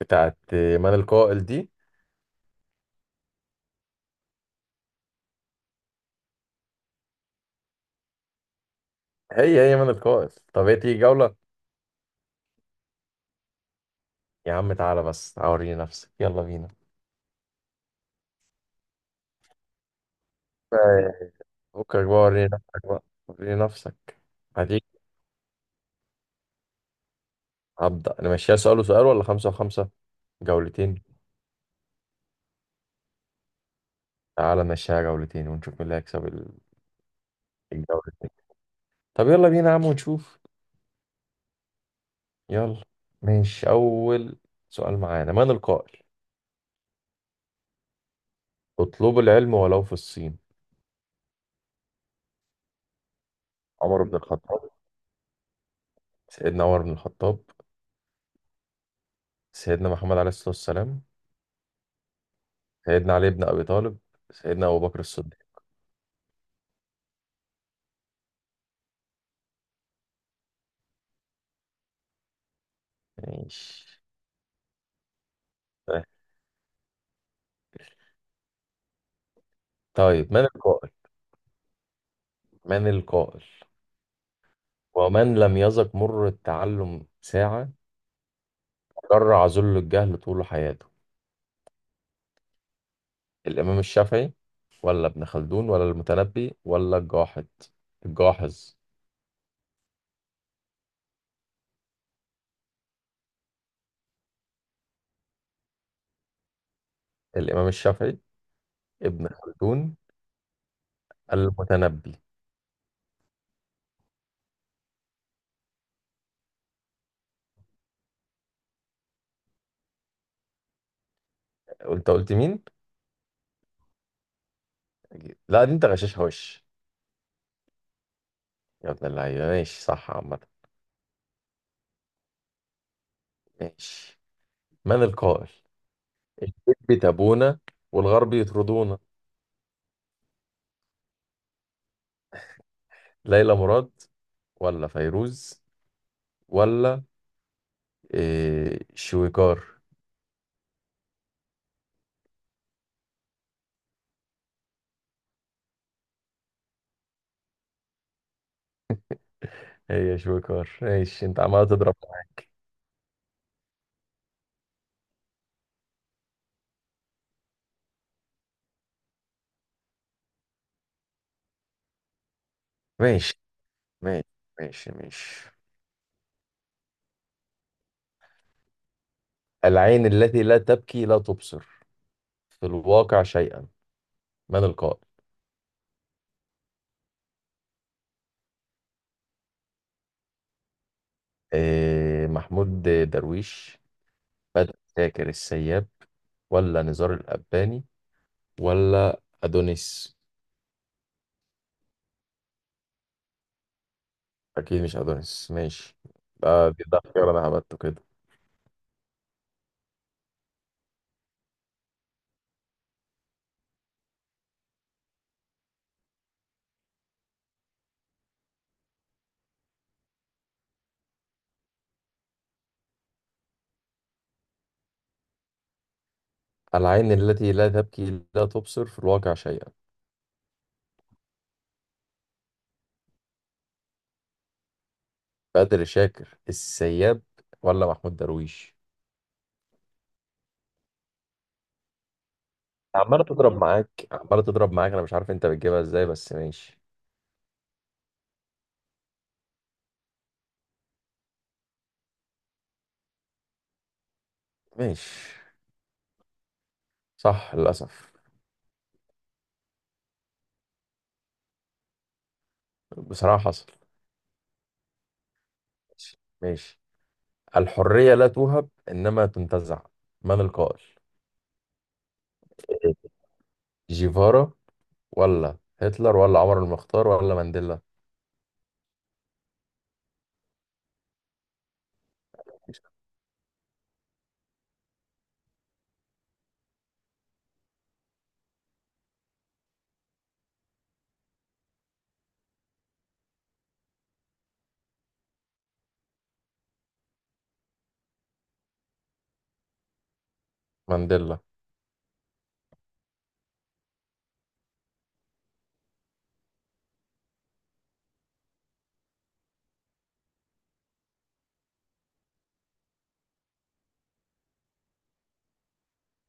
بتاعت من القائل دي؟ هي من القائل. طب هي تيجي جولة. يا عم تعالى بس اوريني نفسك، يلا بينا. آه. فكك بقى وريني نفسك بقى. وريني نفسك. هتيجي؟ هبدأ نمشيها سؤال وسؤال ولا خمسة وخمسة؟ جولتين. تعالى نمشيها جولتين ونشوف مين اللي هيكسب الجولتين. طب يلا بينا يا عم ونشوف. يلا. ماشي، أول سؤال معانا. من القائل: اطلبوا العلم ولو في الصين؟ عمر بن الخطاب سيدنا عمر بن الخطاب، سيدنا محمد عليه الصلاة والسلام، سيدنا علي بن أبي طالب، سيدنا أبو بكر الصديق. ماشي. طيب، من القائل: ومن لم يذق مر التعلم ساعة، جرع ذل الجهل طول حياته؟ الإمام الشافعي، ولا ابن خلدون، ولا المتنبي، ولا الجاحظ. الجاحظ. الإمام الشافعي، ابن خلدون، المتنبي. قلت مين؟ لا، دي انت غشاشها وش. يا ابن اللعيبة، ماشي، صح عامة. ماشي. من القائل: الشد تبونا والغرب يطردونا؟ ليلى مراد، ولا فيروز، ولا، إيه، شويكار. هي شويكار. ماشي، انت عمال تضرب معايا. ماشي. ماشي. ماشي. ماشي. العين التي لا تبكي لا تبصر في الواقع شيئا. من القائل؟ إيه، محمود درويش، بدر شاكر السياب، ولا نزار القباني، ولا أدونيس. أكيد مش أدونيس. ماشي. ده اختيار أنا هبته كده. العين التي لا تبكي لا تبصر في الواقع شيئا. بدر شاكر السياب ولا محمود درويش؟ عمالة تضرب معاك، عمالة تضرب معاك. انا مش عارف انت بتجيبها ازاي، بس ماشي. ماشي. صح للأسف. بصراحة حصل. ماشي. ماشي. الحرية لا توهب، انما تنتزع. من القائل؟ جيفارا، ولا هتلر، ولا عمر المختار، ولا مانديلا. مانديلا.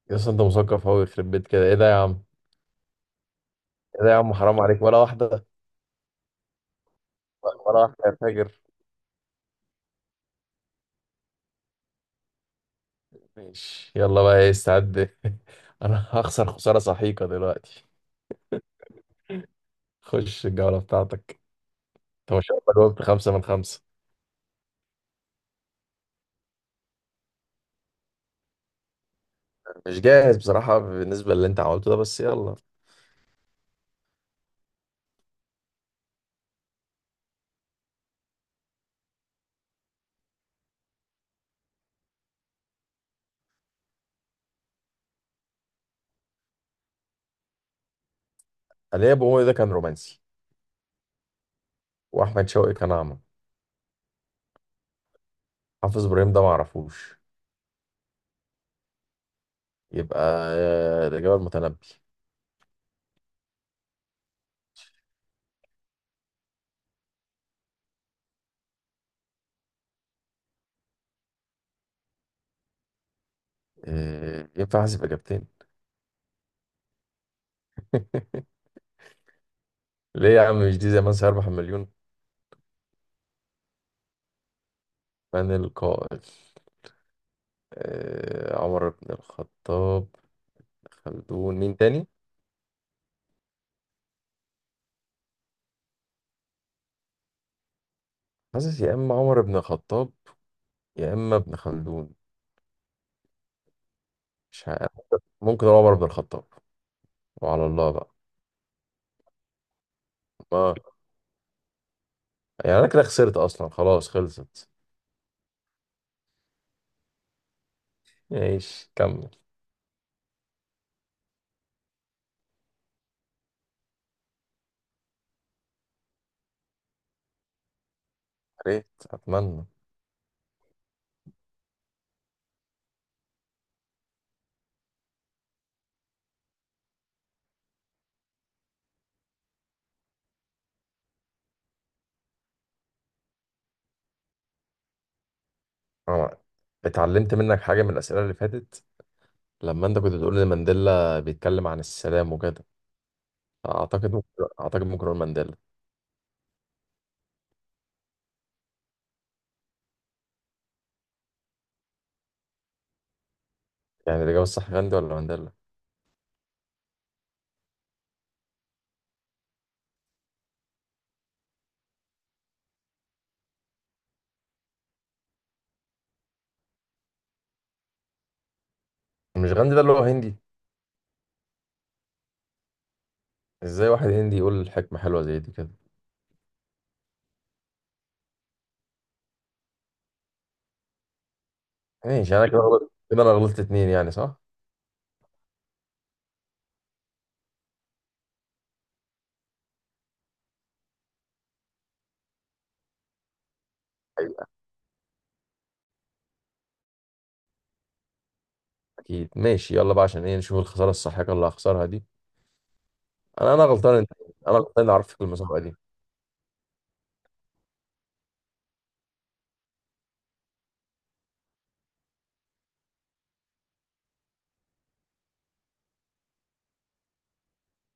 يا اسطى، انت مثقف قوي يخرب بيت كده. ايه ده يا عم؟ ايه ده يا عم؟ حرام عليك، ولا واحدة. ولا واحدة يا فاجر. ماشي، يلا بقى، ايه، استعد. انا هخسر خسارة سحيقة دلوقتي. خش الجولة بتاعتك. انت ما شاء الله جاوبت خمسة من خمسة. مش جاهز بصراحة بالنسبة للي انت عملته ده، بس يلا. علي ابو مولي ده كان رومانسي. واحمد شوقي كان اعمى. حافظ ابراهيم ده ما اعرفوش. يبقى الاجابة المتنبي. ينفع احسب اجابتين؟ ليه يا عم؟ مش دي زمان سيربح المليون. من القائل؟ عمر بن الخطاب، خلدون، مين تاني؟ حاسس يا اما عمر بن الخطاب، يا اما ابن خلدون. مش عارف. ممكن هو عمر بن الخطاب، وعلى الله بقى. ما يعني انا كده خسرت اصلا، خلاص، خلصت. ايش كمل يا؟ ريت اتمنى. أنا اتعلمت منك حاجه من الاسئله اللي فاتت، لما انت كنت بتقول ان مانديلا بيتكلم عن السلام وكده. اعتقد ممكن اعتقد ممكن اقول مانديلا. يعني الاجابه الصح غاندي ولا مانديلا؟ مش غاندي ده اللي هو هندي؟ ازاي واحد هندي يقول حكمه حلوه زي دي كده؟ ماشي، انا كده غلطت كده، انا غلطت اتنين يعني، صح. أيوة. اكيد. ماشي، يلا بقى، عشان ايه، نشوف الخساره الساحقه اللي هخسرها دي. انا غلطان انت. انا غلطان اني عرفتك المسابقه دي.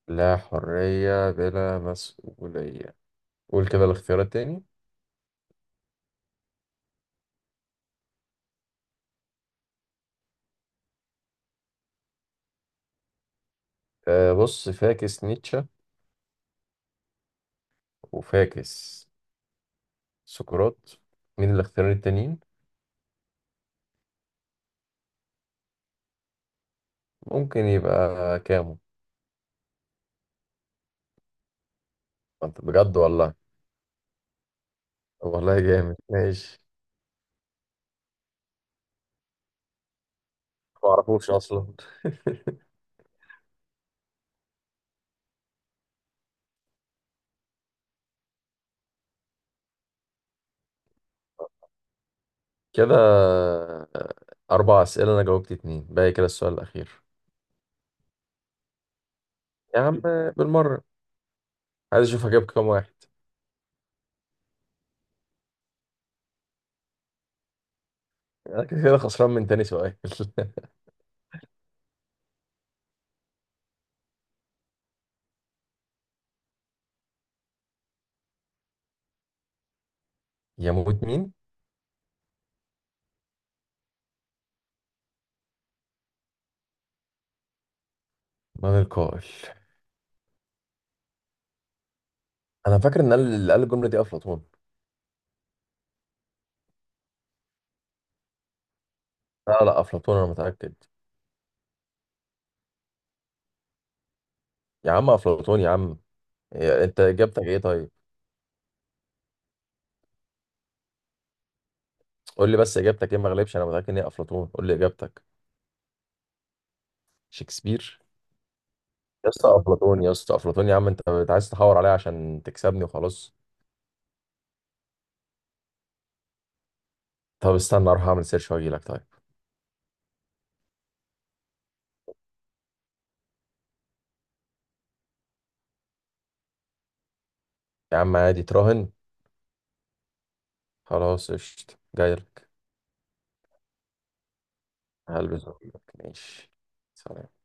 لا حريه بلا مسؤوليه. قول كده الاختيار التاني. بص، فاكس نيتشه، وفاكس سقراط. مين الاختيارين التانيين؟ ممكن يبقى كامو. انت بجد والله. طب والله جامد. ماشي. ما اعرفوش اصلا. كده آه. اربع اسئله انا جاوبت اتنين، باقي كده السؤال الاخير. يا عم، بالمره، عايز اشوف هجيب كام واحد. انا كده كده خسران من تاني سؤال. يموت مين؟ من القائل؟ انا فاكر ان اللي قال الجمله دي افلاطون. لا لا، افلاطون، انا متاكد. يا عم افلاطون يا عم. إيه، انت اجابتك ايه طيب؟ قول لي بس اجابتك ايه، ما اغلبش، انا متاكد ان هي افلاطون. قول لي اجابتك. شكسبير؟ يا اسطى افلاطون، يا اسطى افلاطون، يا عم انت عايز تحور عليا عشان تكسبني، وخلاص. طب استنى اروح اعمل سيرش واجي لك طيب. يا عم عادي، تراهن. خلاص قشطة، جاي لك. هلبس وأجيلك. ماشي. سلام.